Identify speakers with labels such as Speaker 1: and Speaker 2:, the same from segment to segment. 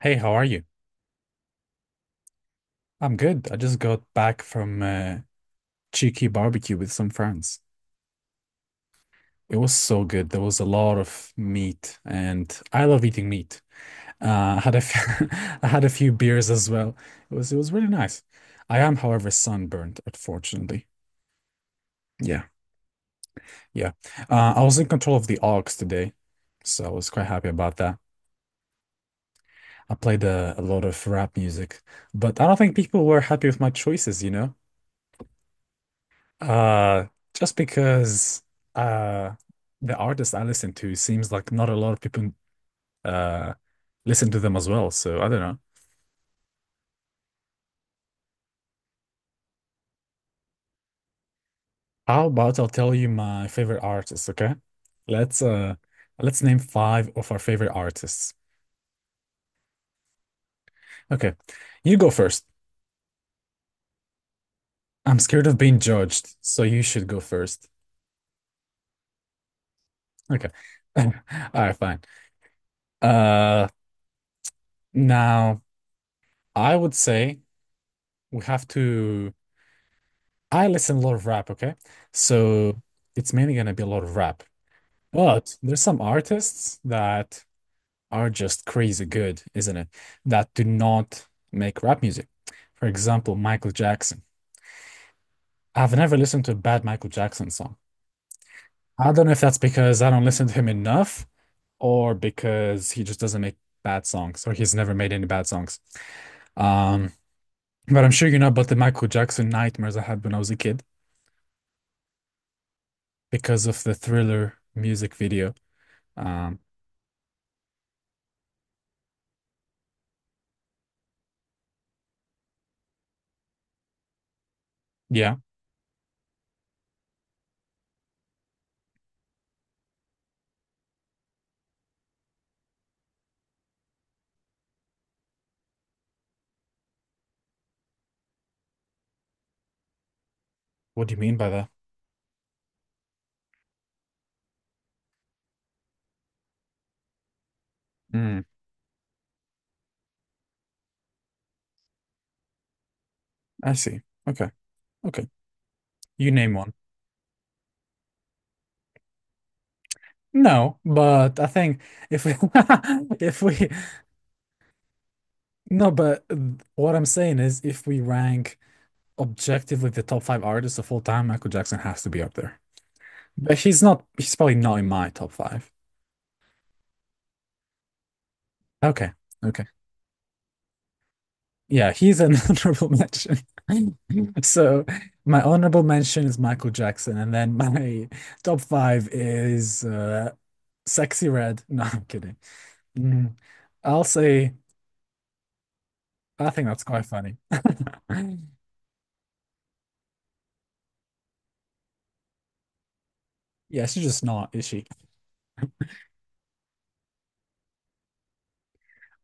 Speaker 1: Hey, how are you? I'm good. I just got back from a cheeky barbecue with some friends. It was so good. There was a lot of meat, and I love eating meat. I had a few, I had a few beers as well. It was really nice. I am, however, sunburned, unfortunately. Yeah, yeah. I was in control of the aux today, so I was quite happy about that. I played a lot of rap music, but I don't think people were happy with my choices? Uh, just because uh the artist I listen to seems like not a lot of people uh listen to them as well. So I don't know. How about I'll tell you my favorite artists, okay? Let's uh let's name five of our favorite artists. Okay. You go first. I'm scared of being judged, so you should go first. Okay. All right, fine. Uh now I would say we have to I listen a lot of rap, okay? So it's mainly gonna be a lot of rap. But there's some artists that are just crazy good, isn't it? That do not make rap music. For example, Michael Jackson. I've never listened to a bad Michael Jackson song. I don't know if that's because I don't listen to him enough or because he just doesn't make bad songs or he's never made any bad songs. Um, but I'm sure you know about the Michael Jackson nightmares I had when I was a kid because of the Thriller music video. Um, yeah. What do you mean by that? Mm, I see. Okay. Okay. You name one. No, but I think if we if we no, but what I'm saying is if we rank objectively the top 5 artists of all time, Michael Jackson has to be up there. But he's probably not in my top 5. Okay. Okay. Yeah, he's an honorable mention. So my honorable mention is Michael Jackson, and then my top 5 is Sexy Red. No, I'm kidding. Mm. I'll say, I think that's quite funny. Yeah, she's just not, is she?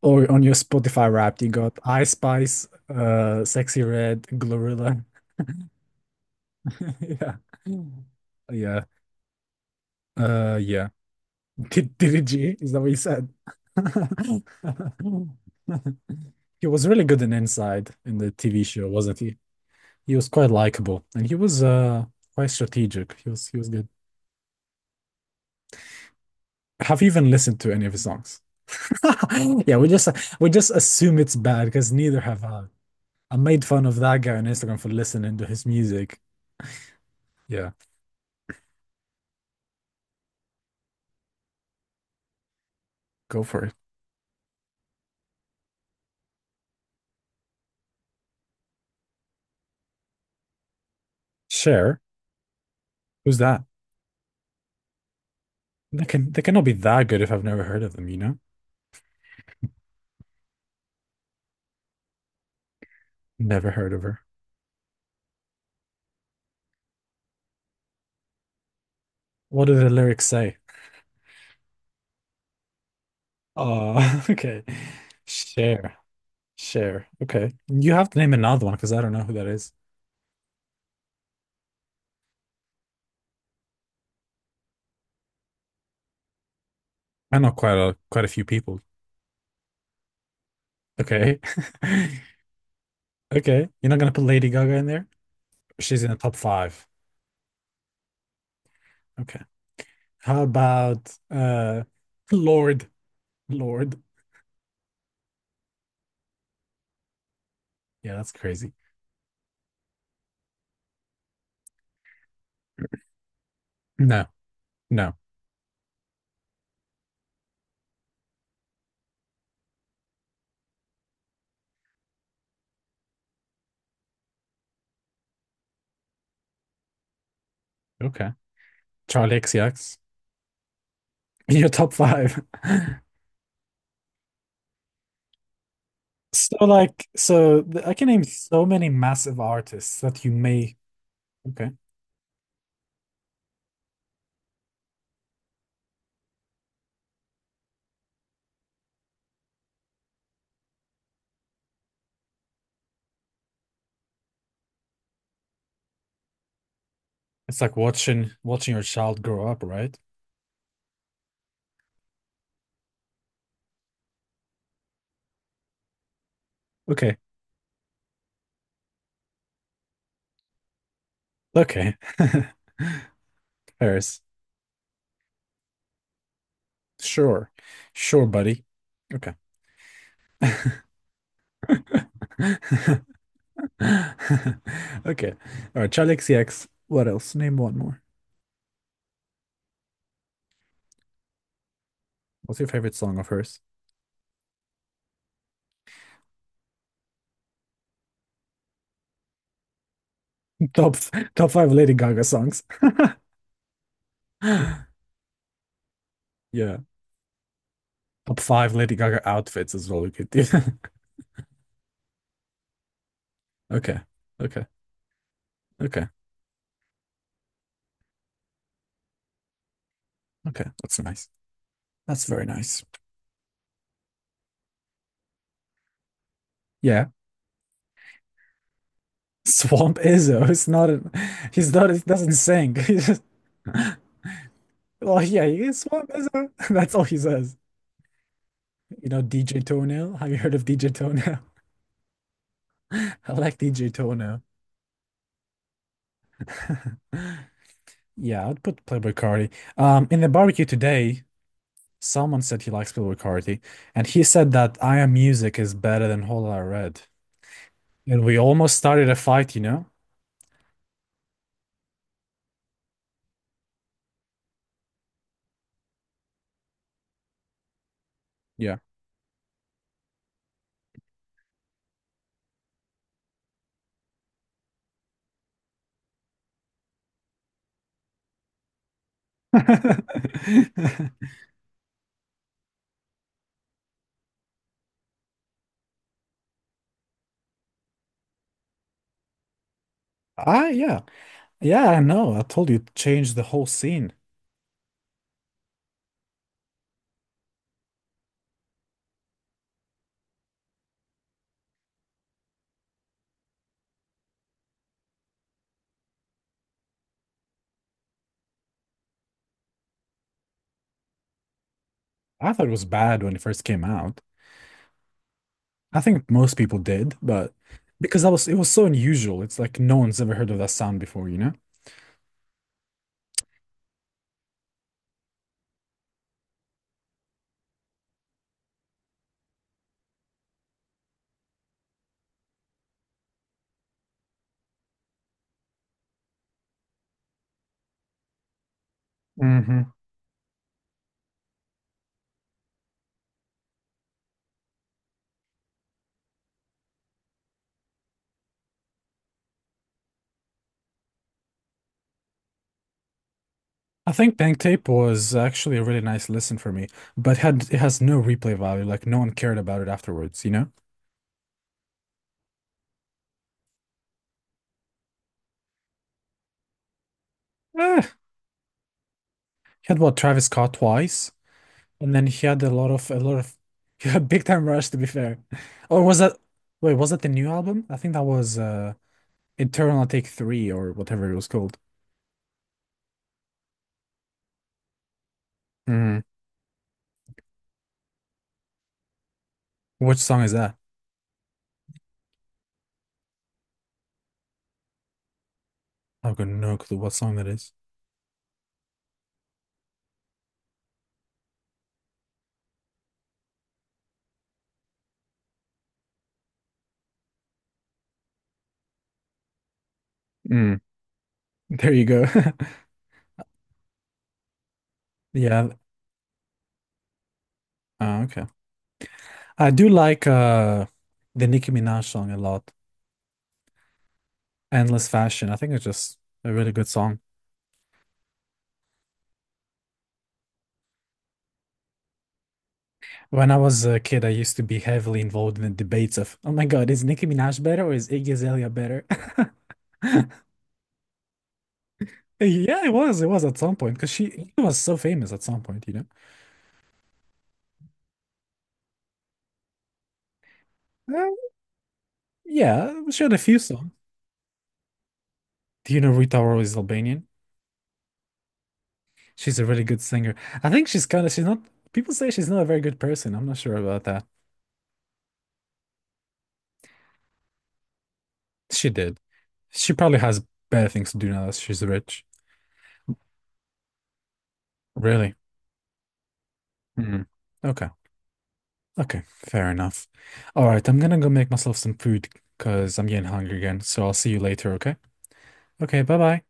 Speaker 1: Or on your Spotify Wrapped, you got I Spice, Sexy Red, Glorilla. Yeah. Mm. Yeah. Yeah. Did it G? Is that what you said? He was really good in Inside in the TV show, wasn't he? He was quite likable and he was quite strategic. He was good. Have you even listened to any of his songs? Yeah, we just assume it's bad because neither have I. I made fun of that guy on Instagram for listening to his music. Yeah, go for it. Cher, who's that? They cannot be that good if I've never heard of them, you know? Never heard of her. What do the lyrics say? Oh, okay. Cher, Cher. Okay, you have to name another one because I don't know who that is. I know quite a few people. Okay, okay. You're not gonna put Lady Gaga in there? She's in the top 5. Okay. How about Lord? Lord. Yeah, that's crazy. No, no. Okay. Charlie XCX. Your top 5. I can name so many massive artists that you may okay. It's like watching your child grow up, right? Okay. Okay. Paris. Sure. Sure, buddy. Okay. Okay. All right, Charlie XCX. What else? Name one more. What's your favorite song of hers? Top top five Lady Gaga songs. Yeah. Top 5 Lady Gaga outfits as well. We could do. Okay. Okay. Okay. Okay. That's nice. That's very nice. Yeah. Swamp Izzo. It's not a, he doesn't sing. He's just well yeah, he is Swamp Izzo. That's all he says. You know, DJ Toenail. Have you heard of DJ Toenail? I like DJ Toenail. Yeah, I'd put Playboy Cardi. In the barbecue today, someone said he likes Playboy Carti, and he said that I Am Music is better than Whole Lotta Red. And we almost started a fight, you know? Yeah. Ah, yeah. Yeah, I know. I told you it changed the whole scene. I thought it was bad when it first came out. I think most people did, but because that was it was so unusual. It's like no one's ever heard of that sound before, you know? Hmm. I think Pink Tape was actually a really nice listen for me, but had it has no replay value. Like no one cared about it afterwards, you know? Eh, he had what Travis Scott twice, and then he had a lot of he had Big Time Rush to be fair. Or was that wait, was that the new album? I think that was Eternal Take Three or whatever it was called. Mm. Which song is that? I've got no clue what song that is. Mm. There you go. Yeah. Okay. I do like the Nicki Minaj song a lot. Endless Fashion. I think it's just a really good song. When I was a kid, I used to be heavily involved in the debates of, oh my God, is Nicki Minaj better or is Iggy Azalea better? Yeah, it was. It was at some point because she was so famous at some point, you know? Uh, yeah, she had a few songs. Do you know Rita Ora is Albanian? She's a really good singer. I think she's kind of, she's not, people say she's not a very good person. I'm not sure about that. She did. She probably has better things to do now that she's rich. Really? Mhm. Okay. Okay, fair enough. All right, I'm gonna go make myself some food because I'm getting hungry again. So I'll see you later, okay? Okay, bye bye.